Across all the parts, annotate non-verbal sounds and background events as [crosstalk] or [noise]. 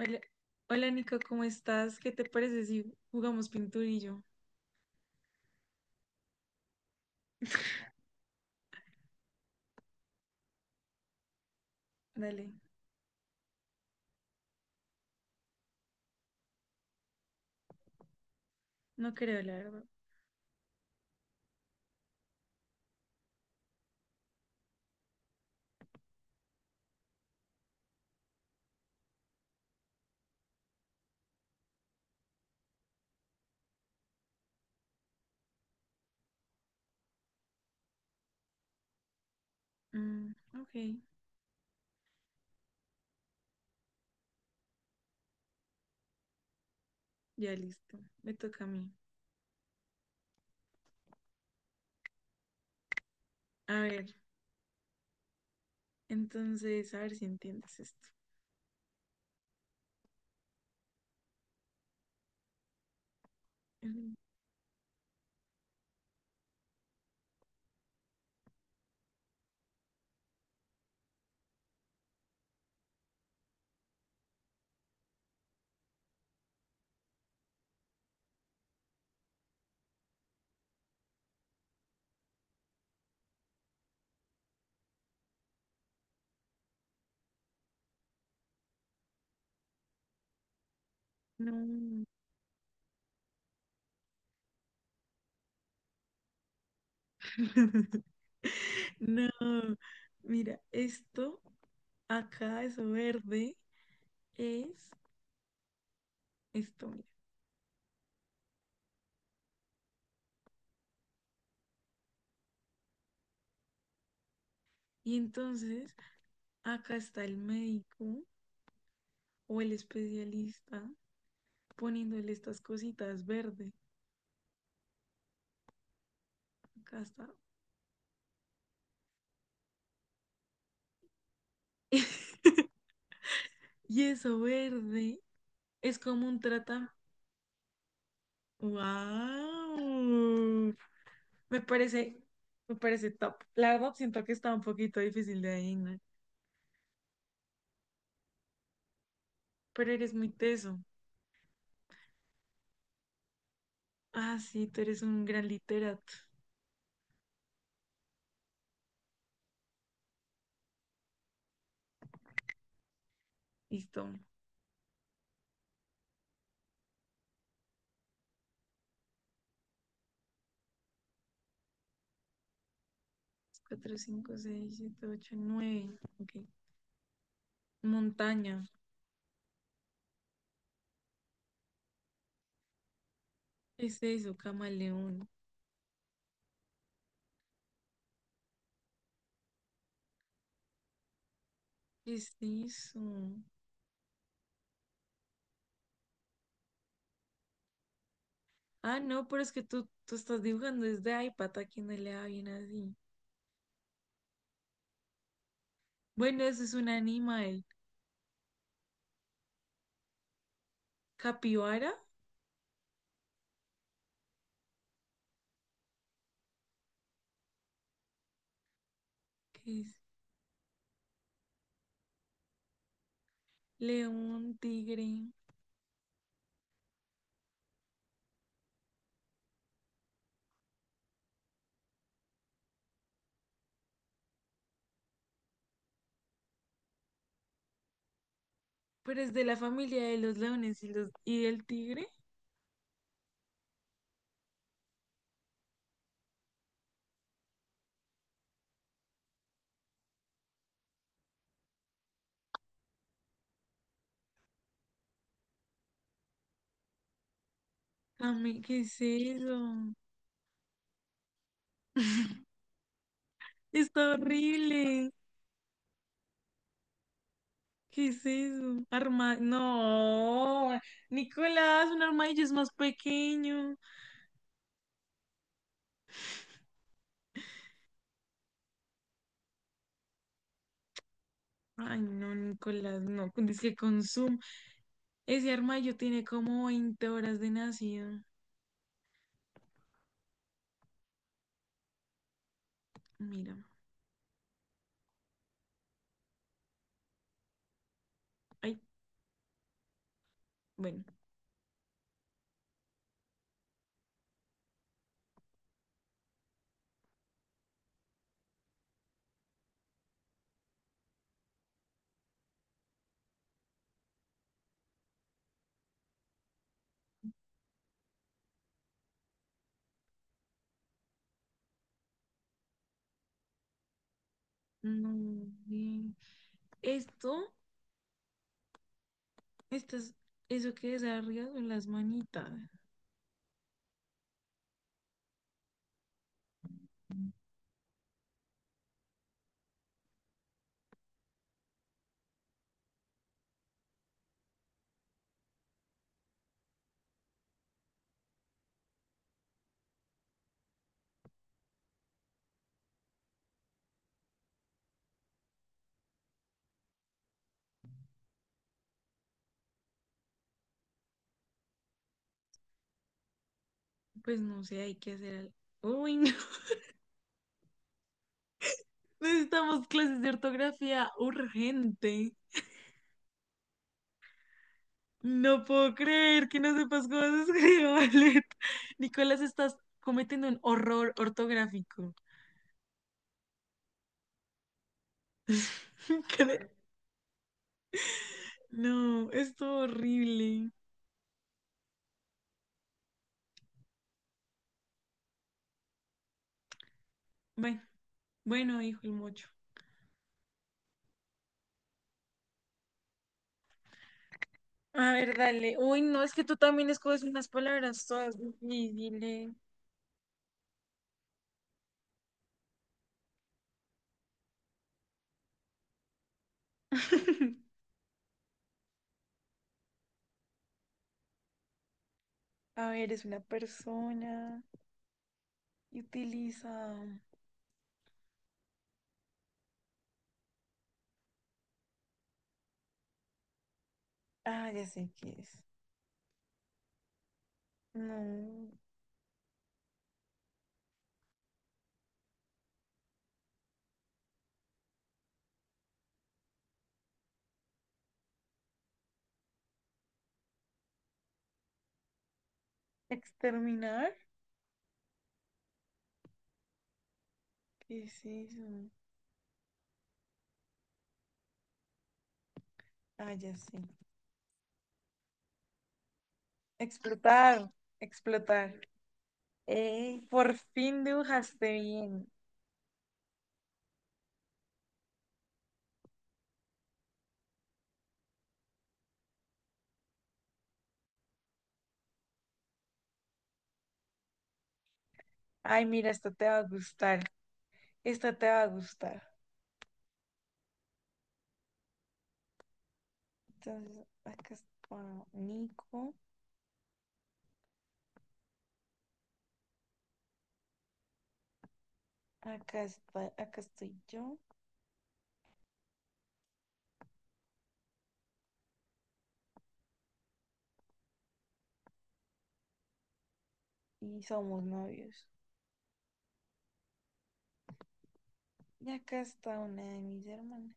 Hola, hola Nico, ¿cómo estás? ¿Qué te parece si jugamos pinturillo? Dale, no creo, la verdad. Mm, ok, ya listo, me toca a mí. A ver, entonces, a ver si entiendes esto. Mm, no, [laughs] no, mira, esto acá, eso verde, es esto, mira. Y entonces, acá está el médico o el especialista poniéndole estas cositas verde. Acá está. [laughs] Y eso verde es como un trata. ¡Wow! Me parece, me parece top. La verdad, siento que está un poquito difícil de adivinar, pero eres muy teso. Ah, sí, tú eres un gran literato. Listo. Cuatro cinco seis siete ocho nueve. Ok. Montaña. ¿Qué es eso, camaleón? ¿Qué es eso? Ah, no, pero es que tú estás dibujando desde iPad, a quien no le da bien así. Bueno, eso es un animal. Capibara, que es león, tigre, pero es de la familia de los leones y del tigre. ¿Qué es eso? [laughs] Está horrible. ¿Qué es eso? No, Nicolás, un armadillo es más pequeño. Ay, no, Nicolás, no. Dice que con Zoom. Ese armadillo tiene como 20 horas de nacido. Mira. Ay, bueno. No. eh, Esto Estas, eso que desarrollas son las manitas. Pues no sé, hay que hacer algo. Uy, no. [laughs] Necesitamos clases de ortografía urgente. No puedo creer que no sepas cómo se escribe ballet. [laughs] Nicolás, estás cometiendo un horror ortográfico. [laughs] Cre- No, es todo horrible. Bueno, bueno, dijo el mocho. A ver, dale. Uy, no, es que tú también escoges unas palabras todas difíciles. [laughs] A ver, es una persona. Y utiliza. Ah, ya sé qué es. No. ¿Exterminar? ¿Qué es eso? Ah, ya sé. Explotar. Explotar. Ey, por fin dibujaste bien. Ay, mira, esta te va a gustar. Esta te va a gustar. Entonces, acá está Nico. Acá está, acá estoy yo. Y somos novios. Y acá está una de mis hermanas.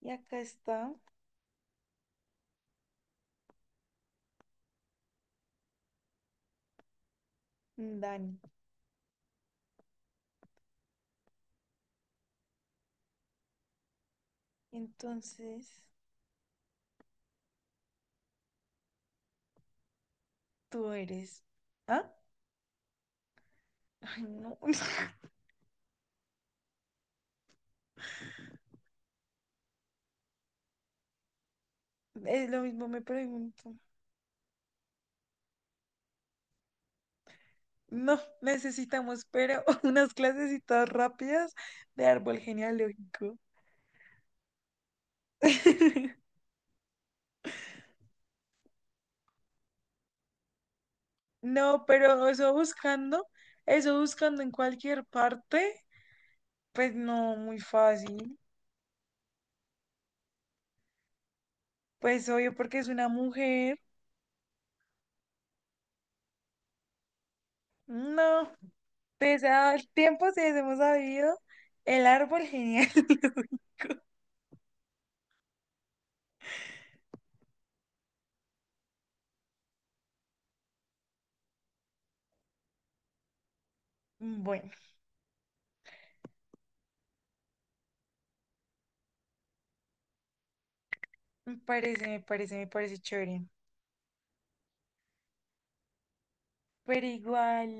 Y acá está Dani. Entonces. Tú eres. ¿Ah? Ay, no. [laughs] Es lo mismo, me pregunto. No, necesitamos, pero [laughs] unas clasecitas rápidas de árbol genealógico. [laughs] No, pero eso buscando en cualquier parte, pues no, muy fácil. Pues obvio, porque es una mujer. No, pese al tiempo, si hemos sabido, el árbol genial. [laughs] Bueno, me parece chévere. Pero igual.